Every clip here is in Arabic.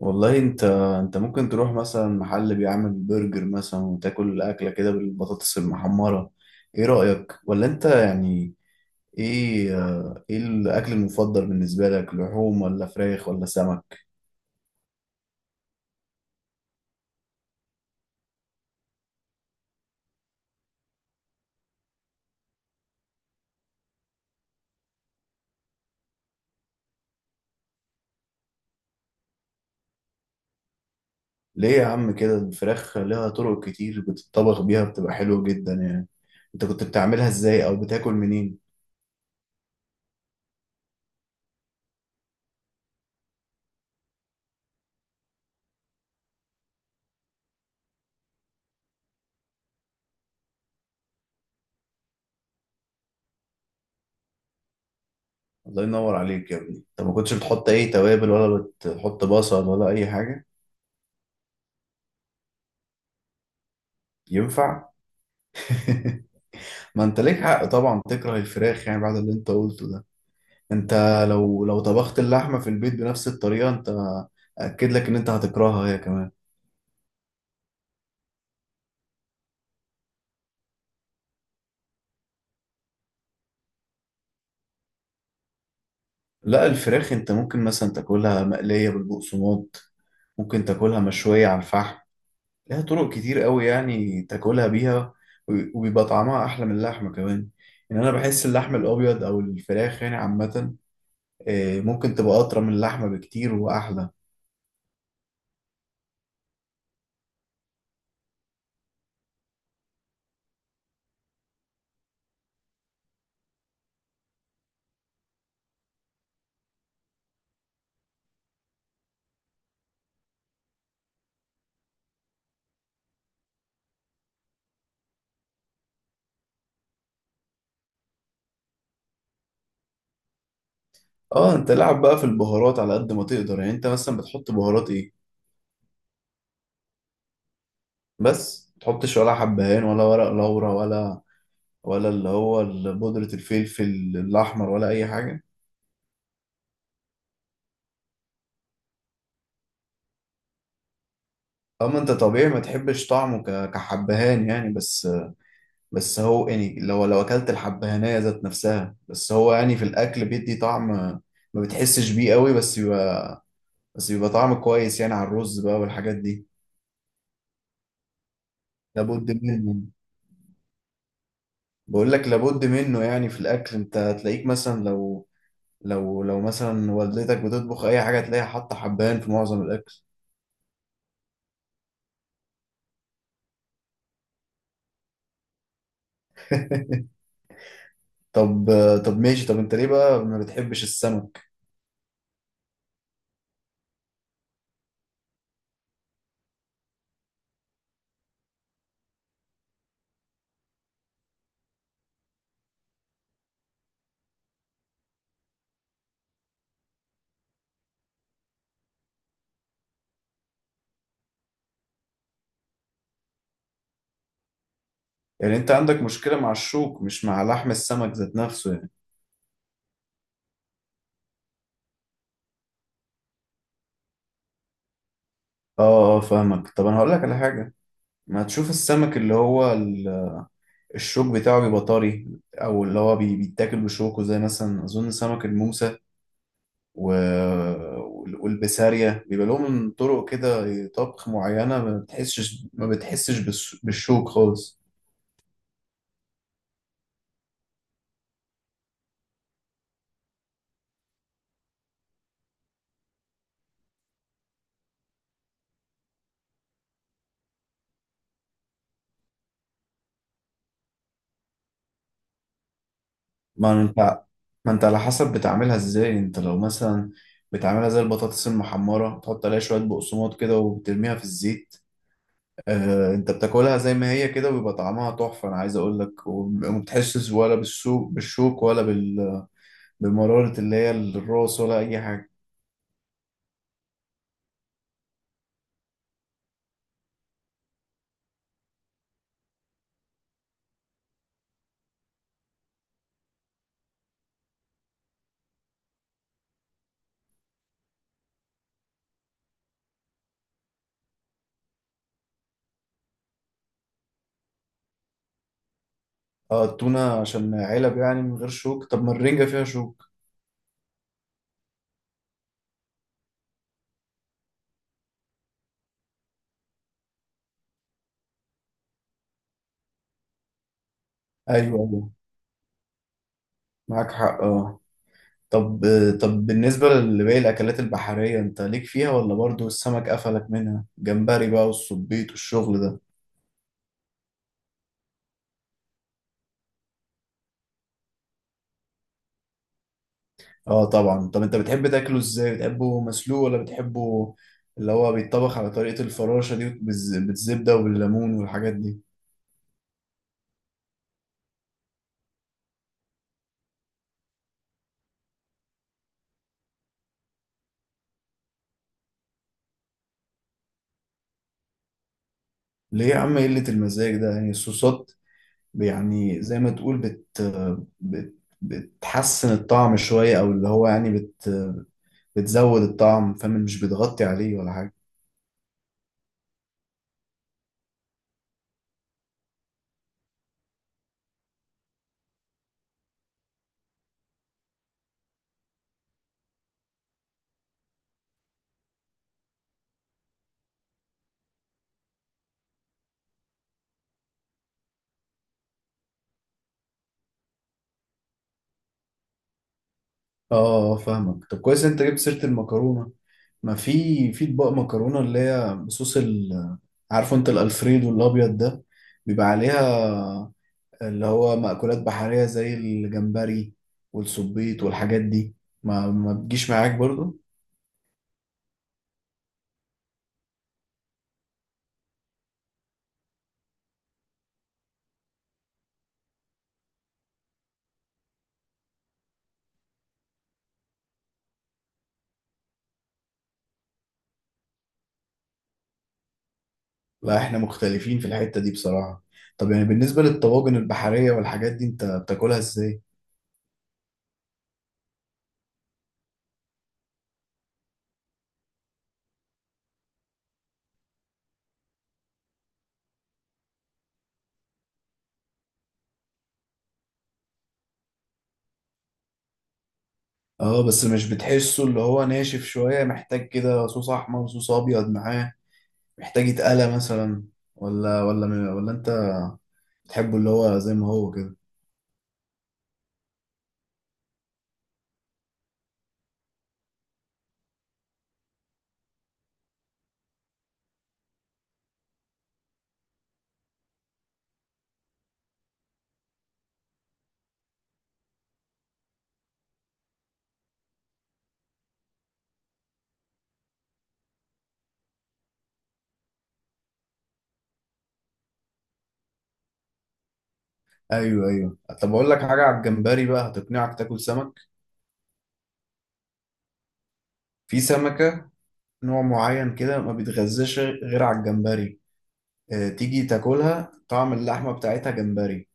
والله انت ممكن تروح مثلا محل بيعمل برجر مثلا، وتاكل اكله كده بالبطاطس المحمره. ايه رايك؟ ولا انت يعني ايه الاكل المفضل بالنسبه لك، لحوم ولا فراخ ولا سمك؟ ليه يا عم كده؟ الفراخ لها طرق كتير بتطبخ بيها، بتبقى حلوه جدا يعني. انت كنت بتعملها ازاي او بتاكل منين؟ الله ينور عليك يا ابني، انت ما كنتش بتحط اي توابل ولا بتحط بصل ولا اي حاجه؟ ينفع. ما انت ليك حق طبعا تكره الفراخ يعني بعد اللي انت قلته ده. انت لو طبخت اللحمة في البيت بنفس الطريقة، انت اكد لك ان انت هتكرهها هي كمان. لا، الفراخ انت ممكن مثلا تاكلها مقلية بالبقسماط، ممكن تاكلها مشوية على الفحم. لها طرق كتير قوي يعني تاكلها بيها. وبيبقى طعمها احلى من اللحمة كمان. يعني انا بحس اللحم الابيض او الفراخ يعني عامة ممكن تبقى اطرى من اللحمة بكتير واحلى. اه، انت لعب بقى في البهارات على قد ما تقدر يعني. انت مثلا بتحط بهارات ايه؟ بس ما تحطش ولا حبهان ولا ورق لورا، ولا ولا بودرة الفلفل الأحمر ولا أي حاجة؟ أما أنت طبيعي ما تحبش طعمه كحبهان يعني. بس هو يعني لو أكلت الحبهانية ذات نفسها، بس هو يعني في الأكل بيدي طعم ما بتحسش بيه قوي، بس بيبقى طعم كويس يعني على الرز بقى والحاجات دي. لابد منه. بقول لك لابد منه يعني في الأكل. أنت هتلاقيك مثلا لو مثلا والدتك بتطبخ أي حاجة، تلاقيها حاطة حبهان في معظم الأكل. طب طب ماشي، طب انت ليه بقى ما بتحبش السمك؟ يعني انت عندك مشكلة مع الشوك مش مع لحم السمك ذات نفسه يعني؟ اه، اه، فاهمك. طب انا هقول لك على حاجة. ما تشوف السمك، الشوك بتاعه بيبقى طري، او اللي هو بيتاكل بشوكه زي مثلا اظن سمك الموسى و... والبسارية، بيبقى لهم طرق كده طبخ معينة. ما بتحسش بالشوك خالص. ما انت ما انت على حسب بتعملها ازاي. انت لو مثلا بتعملها زي البطاطس المحمرة، تحط عليها شوية بقسماط كده وبترميها في الزيت، انت بتاكلها زي ما هي كده، وبيبقى طعمها تحفة انا عايز اقول لك. وما بتحسش ولا بالشوك، بالشوك ولا بمرارة اللي هي الراس، ولا اي حاجة. اه، التونة عشان علب يعني من غير شوك. طب ما الرنجة فيها شوك؟ ايوه، ايوه، معاك حق اه. طب طب بالنسبة لباقي الأكلات البحرية، أنت ليك فيها ولا برضو السمك قفلك منها؟ جمبري بقى والسبيط والشغل ده؟ آه طبعا. طب أنت بتحب تاكله إزاي؟ بتحبه مسلوق، ولا بتحبه اللي هو بيتطبخ على طريقة الفراشة دي بالزبدة وبالليمون والحاجات دي؟ ليه يا عم إيه قلة المزاج ده؟ يعني الصوصات يعني زي ما تقول بت بت بتحسن الطعم شوية، أو اللي هو يعني بتزود الطعم، فاهم؟ مش بتغطي عليه ولا حاجة. اه، اه، اه، فاهمك. طب كويس انت جبت سيرة المكرونة. ما في اطباق مكرونة اللي هي بصوص ال، عارفه انت الالفريدو الابيض ده، بيبقى عليها اللي هو مأكولات بحرية زي الجمبري والسبيط والحاجات دي. ما بتجيش معاك برضو؟ لا، احنا مختلفين في الحتة دي بصراحة. طب يعني بالنسبة للطواجن البحرية والحاجات دي انت بتاكلها ازاي؟ اه، بس مش بتحسه اللي هو ناشف شوية، محتاج كده صوص احمر صوص ابيض معاه؟ محتاج يتقلى مثلا؟ ولا انت بتحبه اللي هو زي ما هو كده؟ ايوه، ايوه، طب اقول لك حاجه على الجمبري بقى هتقنعك تاكل سمك. في سمكه نوع معين كده ما بيتغذاش غير على الجمبري. اه، تيجي تاكلها طعم اللحمه بتاعتها جمبري.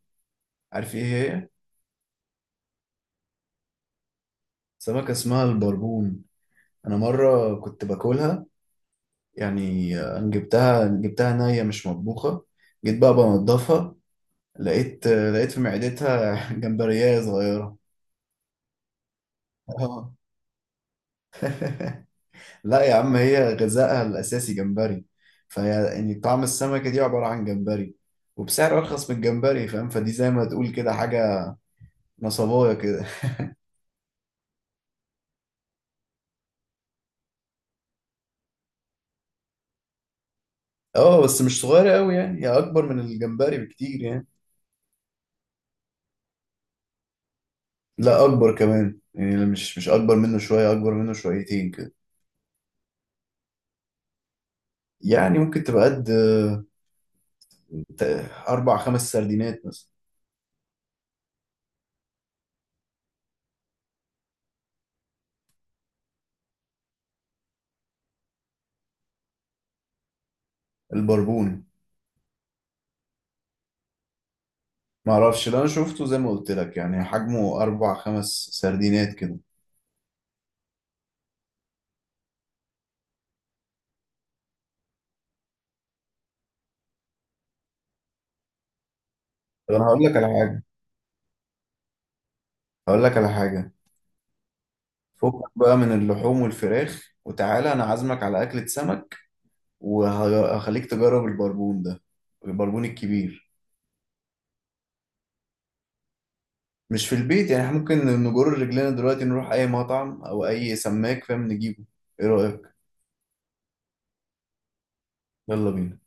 عارف ايه هي؟ سمكه اسمها البربون. انا مره كنت باكلها، يعني انا جبتها، جبتها نيه مش مطبوخه. جيت بقى بنضفها، لقيت لقيت في معدتها جمبريه صغيره. لا يا عم، هي غذائها الأساسي جمبري، فهي يعني طعم السمكة دي عبارة عن جمبري، وبسعر أرخص من الجمبري فاهم؟ فدي زي ما تقول كده حاجة نصباية كده. اه بس مش صغيرة قوي يعني، هي أكبر من الجمبري بكتير يعني. لا أكبر كمان يعني، لا مش أكبر منه شوية، أكبر منه شويتين كده. يعني ممكن تبقى قد ت- أربع خمس سردينات مثلا. البربون. معرفش ده، أنا شفته زي ما قلت لك يعني حجمه أربع خمس سردينات كده. طب أنا هقول لك على حاجة، هقول لك على حاجة فكك بقى من اللحوم والفراخ، وتعالى انا عازمك على اكلة سمك. وهخليك تجرب البربون ده، البربون الكبير. مش في البيت يعني، احنا ممكن نجر رجلنا دلوقتي نروح اي مطعم او اي سماك فاهم نجيبه. ايه رأيك؟ يلا بينا.